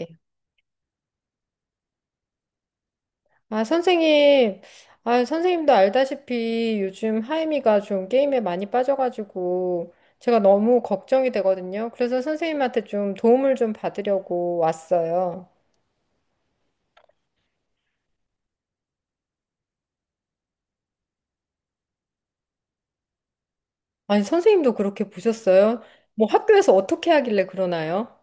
예. 아, 선생님. 아, 선생님도 알다시피 요즘 하임이가 좀 게임에 많이 빠져가지고 제가 너무 걱정이 되거든요. 그래서 선생님한테 좀 도움을 좀 받으려고 왔어요. 아니, 선생님도 그렇게 보셨어요? 뭐 학교에서 어떻게 하길래 그러나요?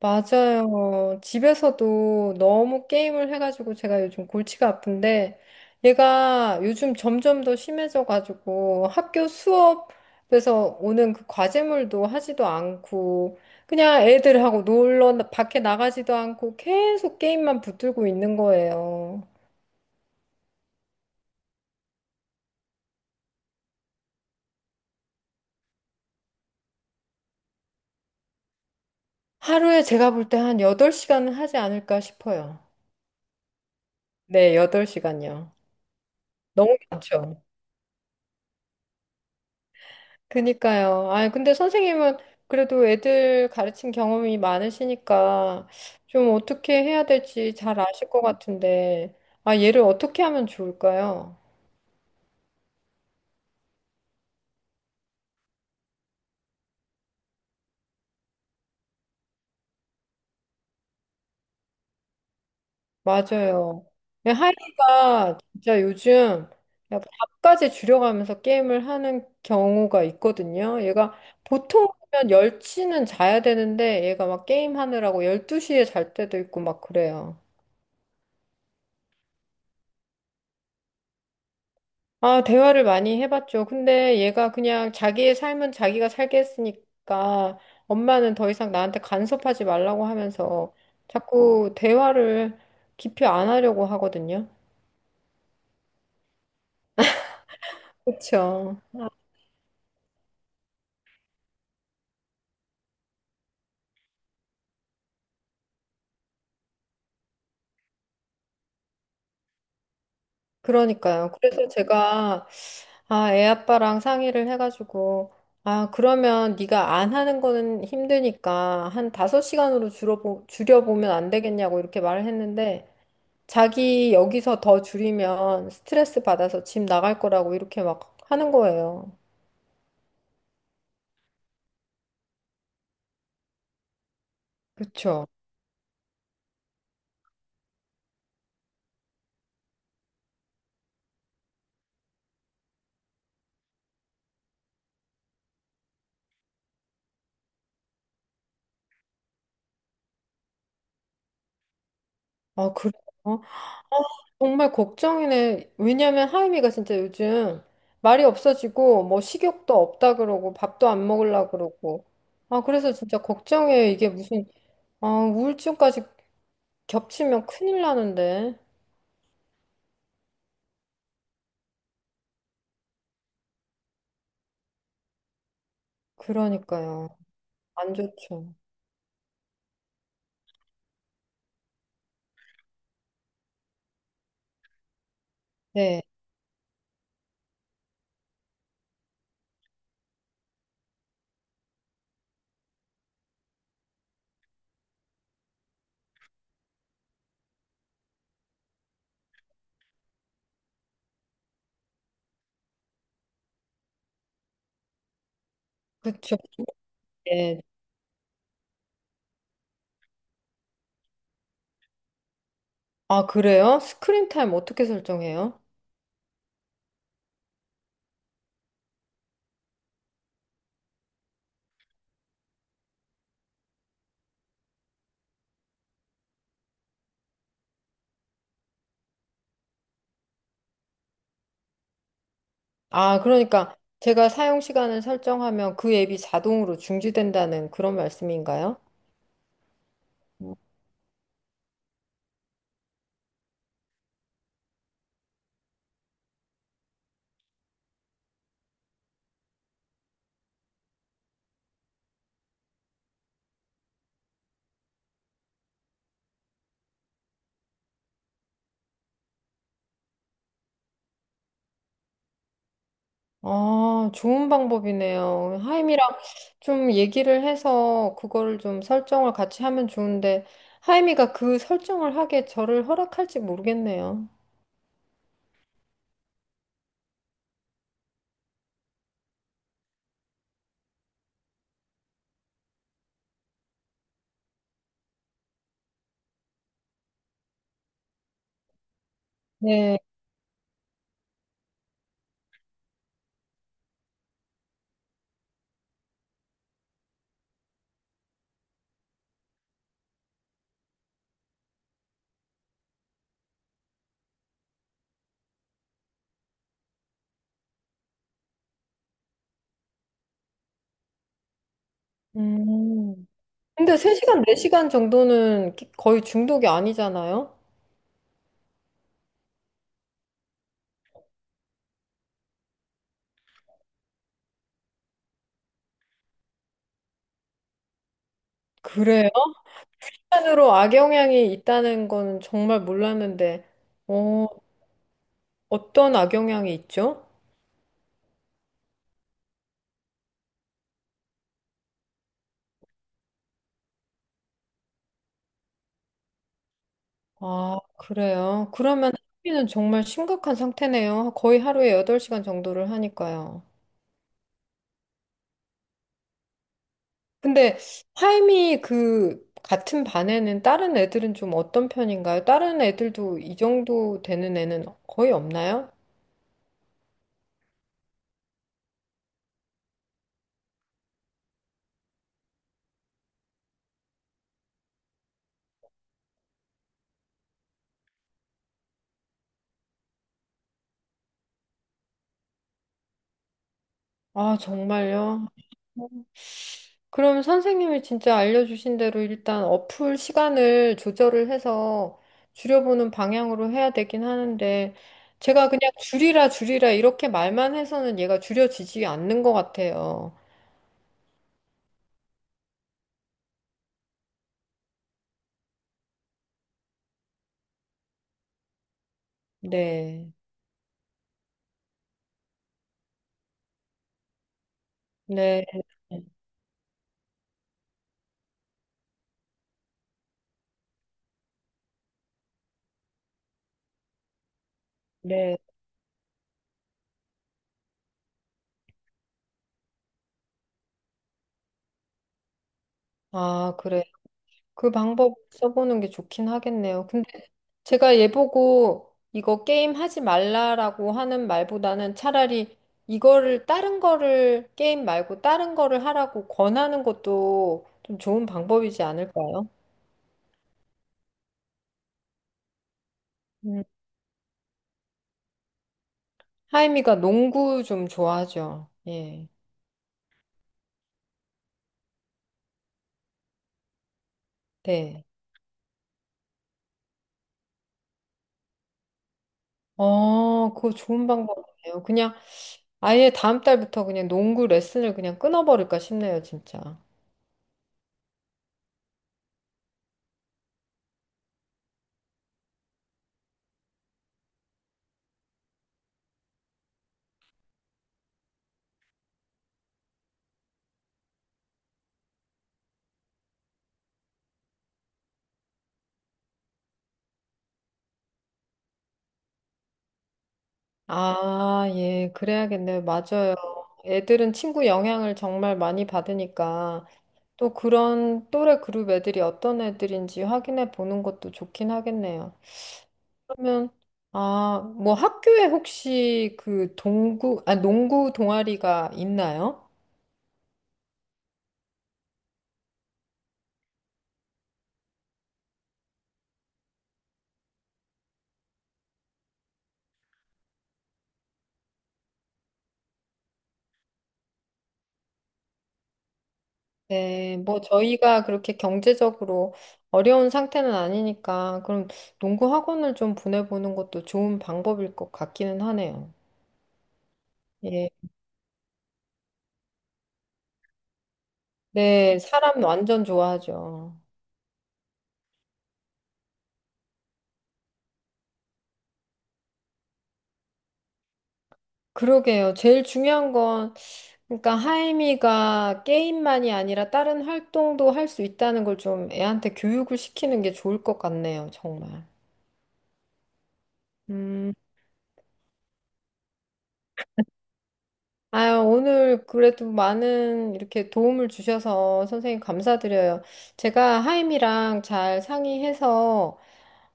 맞아요. 집에서도 너무 게임을 해가지고 제가 요즘 골치가 아픈데 얘가 요즘 점점 더 심해져가지고 학교 수업에서 오는 그 과제물도 하지도 않고 그냥 애들하고 놀러 밖에 나가지도 않고 계속 게임만 붙들고 있는 거예요. 하루에 제가 볼 때 한 8시간은 하지 않을까 싶어요. 네, 8시간요. 너무 많죠. 그니까요. 아니, 근데 선생님은 그래도 애들 가르친 경험이 많으시니까 좀 어떻게 해야 될지 잘 아실 것 같은데, 아, 얘를 어떻게 하면 좋을까요? 맞아요. 하이가 진짜 요즘 약간 답까지 줄여가면서 게임을 하는 경우가 있거든요. 얘가 보통이면 10시는 자야 되는데 얘가 막 게임하느라고 12시에 잘 때도 있고 막 그래요. 아, 대화를 많이 해봤죠. 근데 얘가 그냥 자기의 삶은 자기가 살게 했으니까 엄마는 더 이상 나한테 간섭하지 말라고 하면서 자꾸 대화를 깊이 안 하려고 하거든요. 그렇죠. 그러니까요. 그래서 제가 아, 애 아빠랑 상의를 해가지고 아, 그러면 네가 안 하는 거는 힘드니까 한 다섯 시간으로 줄여보면 안 되겠냐고 이렇게 말을 했는데 자기 여기서 더 줄이면 스트레스 받아서 집 나갈 거라고 이렇게 막 하는 거예요. 그쵸? 아, 그래요? 어, 정말 걱정이네. 왜냐면 하임이가 진짜 요즘 말이 없어지고 뭐 식욕도 없다 그러고 밥도 안 먹으려고 그러고. 아, 그래서 진짜 걱정이에요. 이게 무슨 아, 우울증까지 겹치면 큰일 나는데. 그러니까요. 안 좋죠. 네. 그쵸. 예. 아, 그래요? 스크린 타임 어떻게 설정해요? 아, 그러니까 제가 사용 시간을 설정하면 그 앱이 자동으로 중지된다는 그런 말씀인가요? 아, 좋은 방법이네요. 하임이랑 좀 얘기를 해서 그거를 좀 설정을 같이 하면 좋은데 하임이가 그 설정을 하게 저를 허락할지 모르겠네요. 네. 음. 근데 3시간, 4시간 정도는 거의 중독이 아니잖아요? 그래요? 으로 악영향이 있다는 거는 정말 몰랐는데, 어, 어떤 악영향이 있죠? 아, 그래요? 그러면 학비는 정말 심각한 상태네요. 거의 하루에 8시간 정도를 하니까요. 근데 하임이 그 같은 반에는 다른 애들은 좀 어떤 편인가요? 다른 애들도 이 정도 되는 애는 거의 없나요? 아, 정말요? 그럼 선생님이 진짜 알려주신 대로 일단 어플 시간을 조절을 해서 줄여보는 방향으로 해야 되긴 하는데, 제가 그냥 줄이라 줄이라 이렇게 말만 해서는 얘가 줄여지지 않는 것 같아요. 네, 네, 네. 아, 그래. 그 방법 써보는 게 좋긴 하겠네요. 근데 제가 얘 보고 이거 게임 하지 말라라고 하는 말보다는 차라리 이거를 다른 거를 게임 말고 다른 거를 하라고 권하는 것도 좀 좋은 방법이지 않을까요? 음. 하임이가 농구 좀 좋아하죠. 예. 네. 그거 좋은 방법이네요. 그냥 아예 다음 달부터 그냥 농구 레슨을 그냥 끊어버릴까 싶네요, 진짜. 아, 예, 그래야겠네요. 맞아요. 애들은 친구 영향을 정말 많이 받으니까 또 그런 또래 그룹 애들이 어떤 애들인지 확인해 보는 것도 좋긴 하겠네요. 그러면 아, 뭐 학교에 혹시 그 농구 동아리가 있나요? 네, 뭐 저희가 그렇게 경제적으로 어려운 상태는 아니니까 그럼 농구 학원을 좀 보내보는 것도 좋은 방법일 것 같기는 하네요. 예. 네, 사람 완전 좋아하죠. 그러게요. 제일 중요한 건, 그러니까 하임이가 게임만이 아니라 다른 활동도 할 수 있다는 걸 좀 애한테 교육을 시키는 게 좋을 것 같네요, 정말. 음, 아유, 오늘 그래도 많은 이렇게 도움을 주셔서 선생님 감사드려요. 제가 하임이랑 잘 상의해서,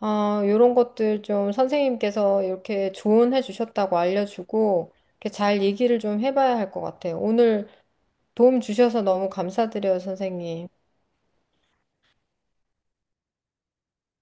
어, 요런 것들 좀 선생님께서 이렇게 조언해 주셨다고 알려주고, 이렇게 잘 얘기를 좀 해봐야 할 것 같아요. 오늘 도움 주셔서 너무 감사드려요, 선생님.